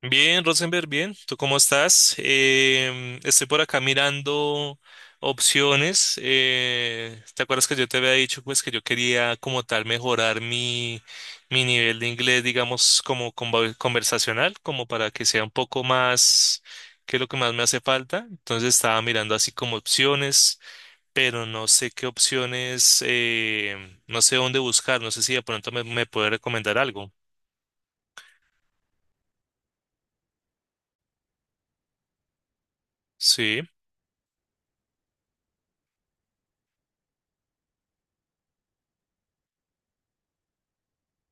Bien, Rosenberg, bien. ¿Tú cómo estás? Estoy por acá mirando opciones. ¿Te acuerdas que yo te había dicho pues que yo quería como tal mejorar mi nivel de inglés, digamos, como conversacional, como para que sea un poco más, que es lo que más me hace falta? Entonces estaba mirando así como opciones, pero no sé qué opciones, no sé dónde buscar, no sé si de pronto me puede recomendar algo. Sí,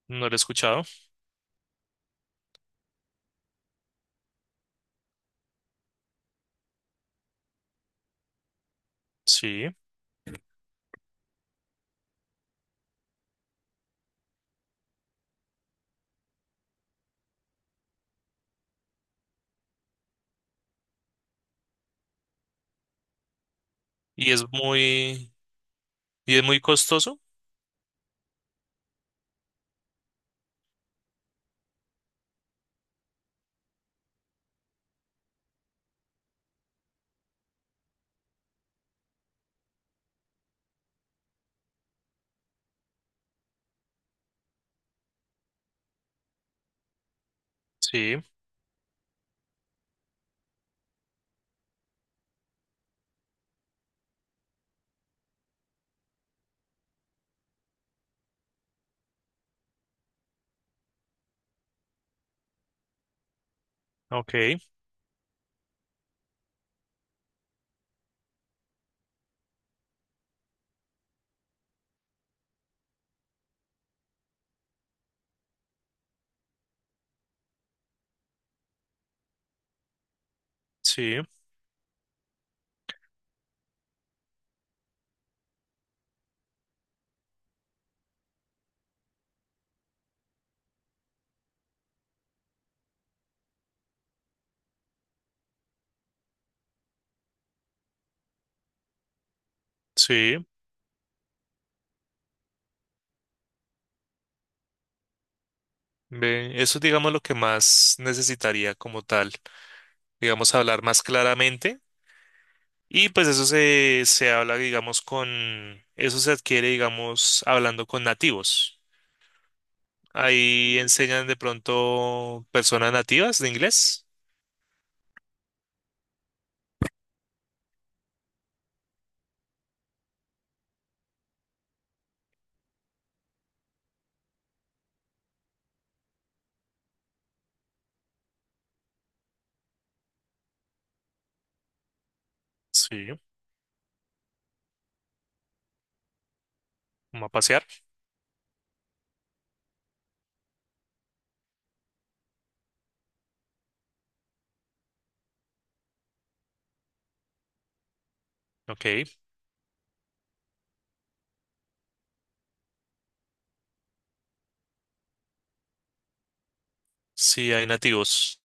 no lo he escuchado. Sí. Y es muy, y es muy costoso. Sí, ok, sí, sí. Ve, eso es, digamos, lo que más necesitaría como tal, digamos, hablar más claramente. Y pues eso se habla, digamos, con, eso se adquiere, digamos, hablando con nativos. Ahí enseñan de pronto personas nativas de inglés. Sí, como a pasear. Ok, sí, hay nativos.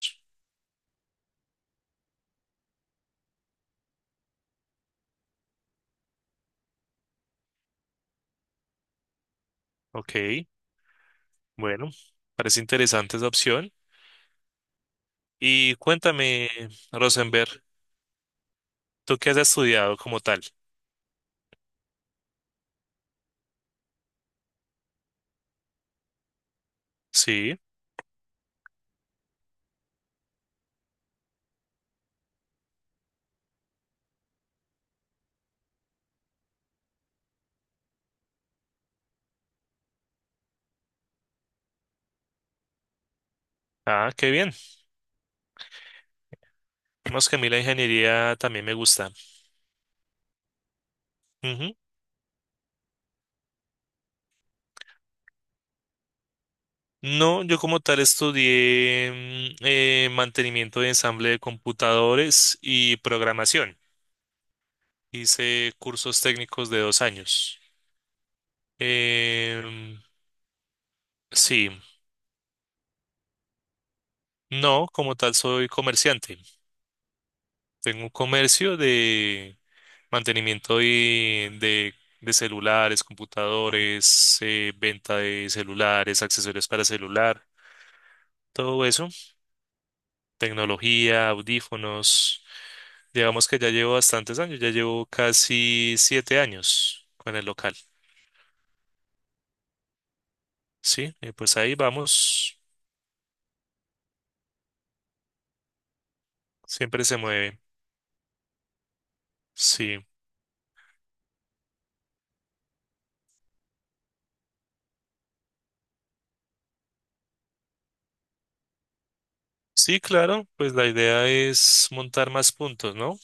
Ok, bueno, parece interesante esa opción. Y cuéntame, Rosenberg, ¿tú qué has estudiado como tal? Sí. Ah, qué bien. Vemos que a mí la ingeniería también me gusta. Ujú. No, yo como tal estudié mantenimiento de ensamble de computadores y programación. Hice cursos técnicos de 2 años. Em, sí, no, como tal soy comerciante. Tengo un comercio. Mantenimiento de celulares, computadores, venta de celulares, accesorios para celular, todo eso, tecnología, audífonos. Digamos que ya llevo bastantes años, ya llevo casi 7 años con el local, ¿sí? Y pues ahí vamos, siempre se mueve, sí. Sí, claro, pues la idea es montar más puntos, ¿no?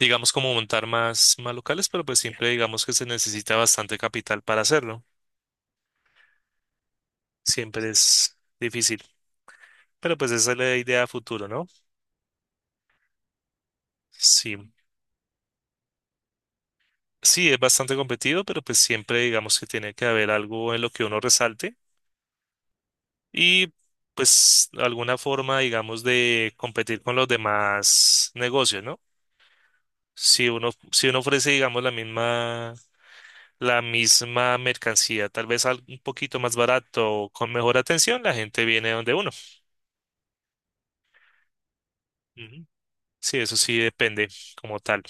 Digamos como montar más locales, pero pues siempre digamos que se necesita bastante capital para hacerlo. Siempre es difícil. Pero pues esa es la idea a futuro, ¿no? Sí, sí, es bastante competido, pero pues siempre digamos que tiene que haber algo en lo que uno resalte y pues alguna forma, digamos, de competir con los demás negocios, ¿no? Si uno ofrece, digamos, la misma mercancía, tal vez un poquito más barato o con mejor atención, la gente viene donde uno. Ujú. Sí, eso sí depende como tal.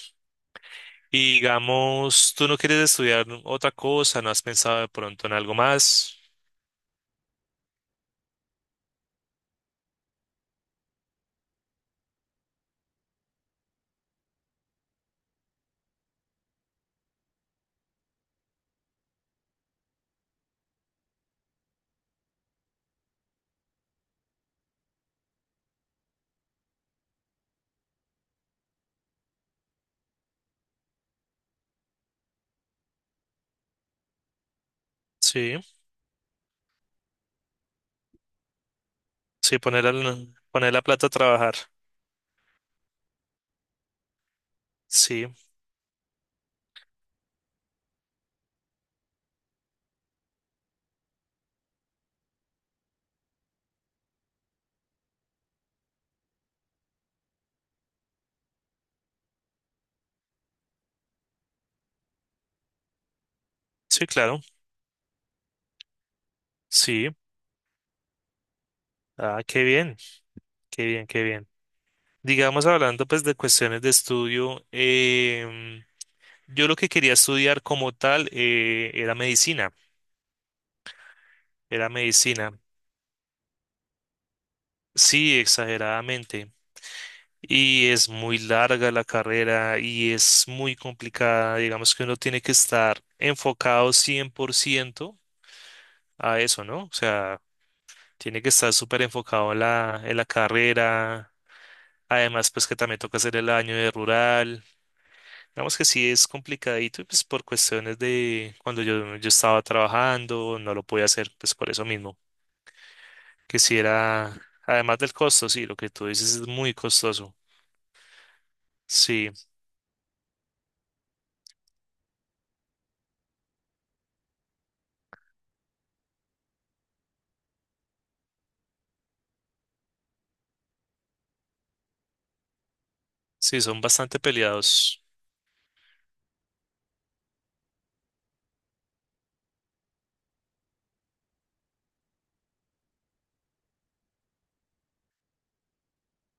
Y digamos, tú no quieres estudiar otra cosa, no has pensado de pronto en algo más. Sí, sí, poner, poner la plata a trabajar. Sí, sí, claro, sí. Ah, qué bien, qué bien, qué bien. Digamos, hablando pues de cuestiones de estudio, yo lo que quería estudiar como tal era medicina, era medicina. Sí, exageradamente. Y es muy larga la carrera y es muy complicada. Digamos que uno tiene que estar enfocado 100% a eso, ¿no? O sea, tiene que estar súper enfocado en la carrera. Además, pues que también toca hacer el año de rural. Digamos que sí es complicadito, y, pues por cuestiones de cuando yo estaba trabajando, no lo podía hacer, pues por eso mismo. Que si era, además del costo, sí, lo que tú dices es muy costoso. Sí, sí, son bastante peleados.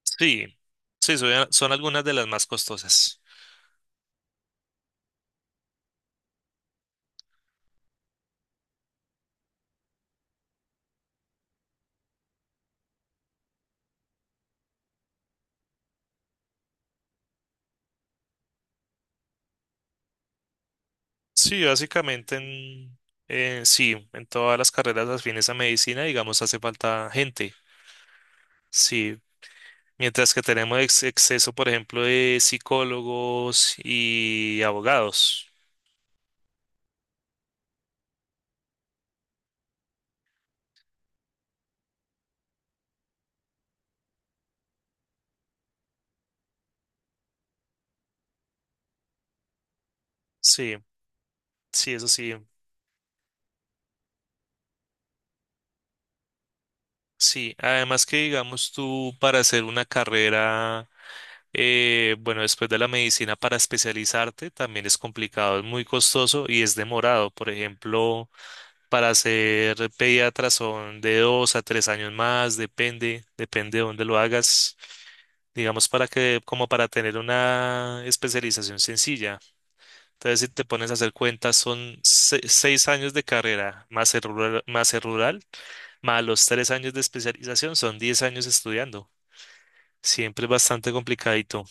Sí, sí, son, algunas de las más costosas. Sí, básicamente sí, en todas las carreras afines a medicina, digamos, hace falta gente. Sí, mientras que tenemos exceso, por ejemplo, de psicólogos y abogados. Sí, sí, eso sí. Sí, además que digamos tú para hacer una carrera, bueno, después de la medicina para especializarte también es complicado, es muy costoso y es demorado. Por ejemplo, para ser pediatra son de 2 a 3 años más, depende de dónde lo hagas, digamos para que, como para tener una especialización sencilla. Entonces, si te pones a hacer cuentas, son 6 años de carrera más el rural, más el rural, más los 3 años de especialización, son 10 años estudiando. Siempre es bastante complicadito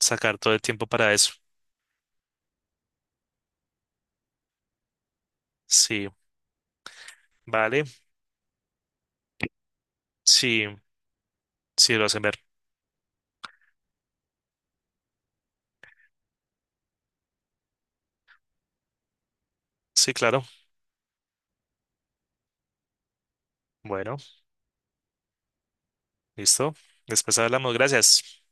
sacar todo el tiempo para eso. Sí, vale, sí, sí lo hacen ver. Sí, claro. Bueno, listo. Después hablamos, gracias.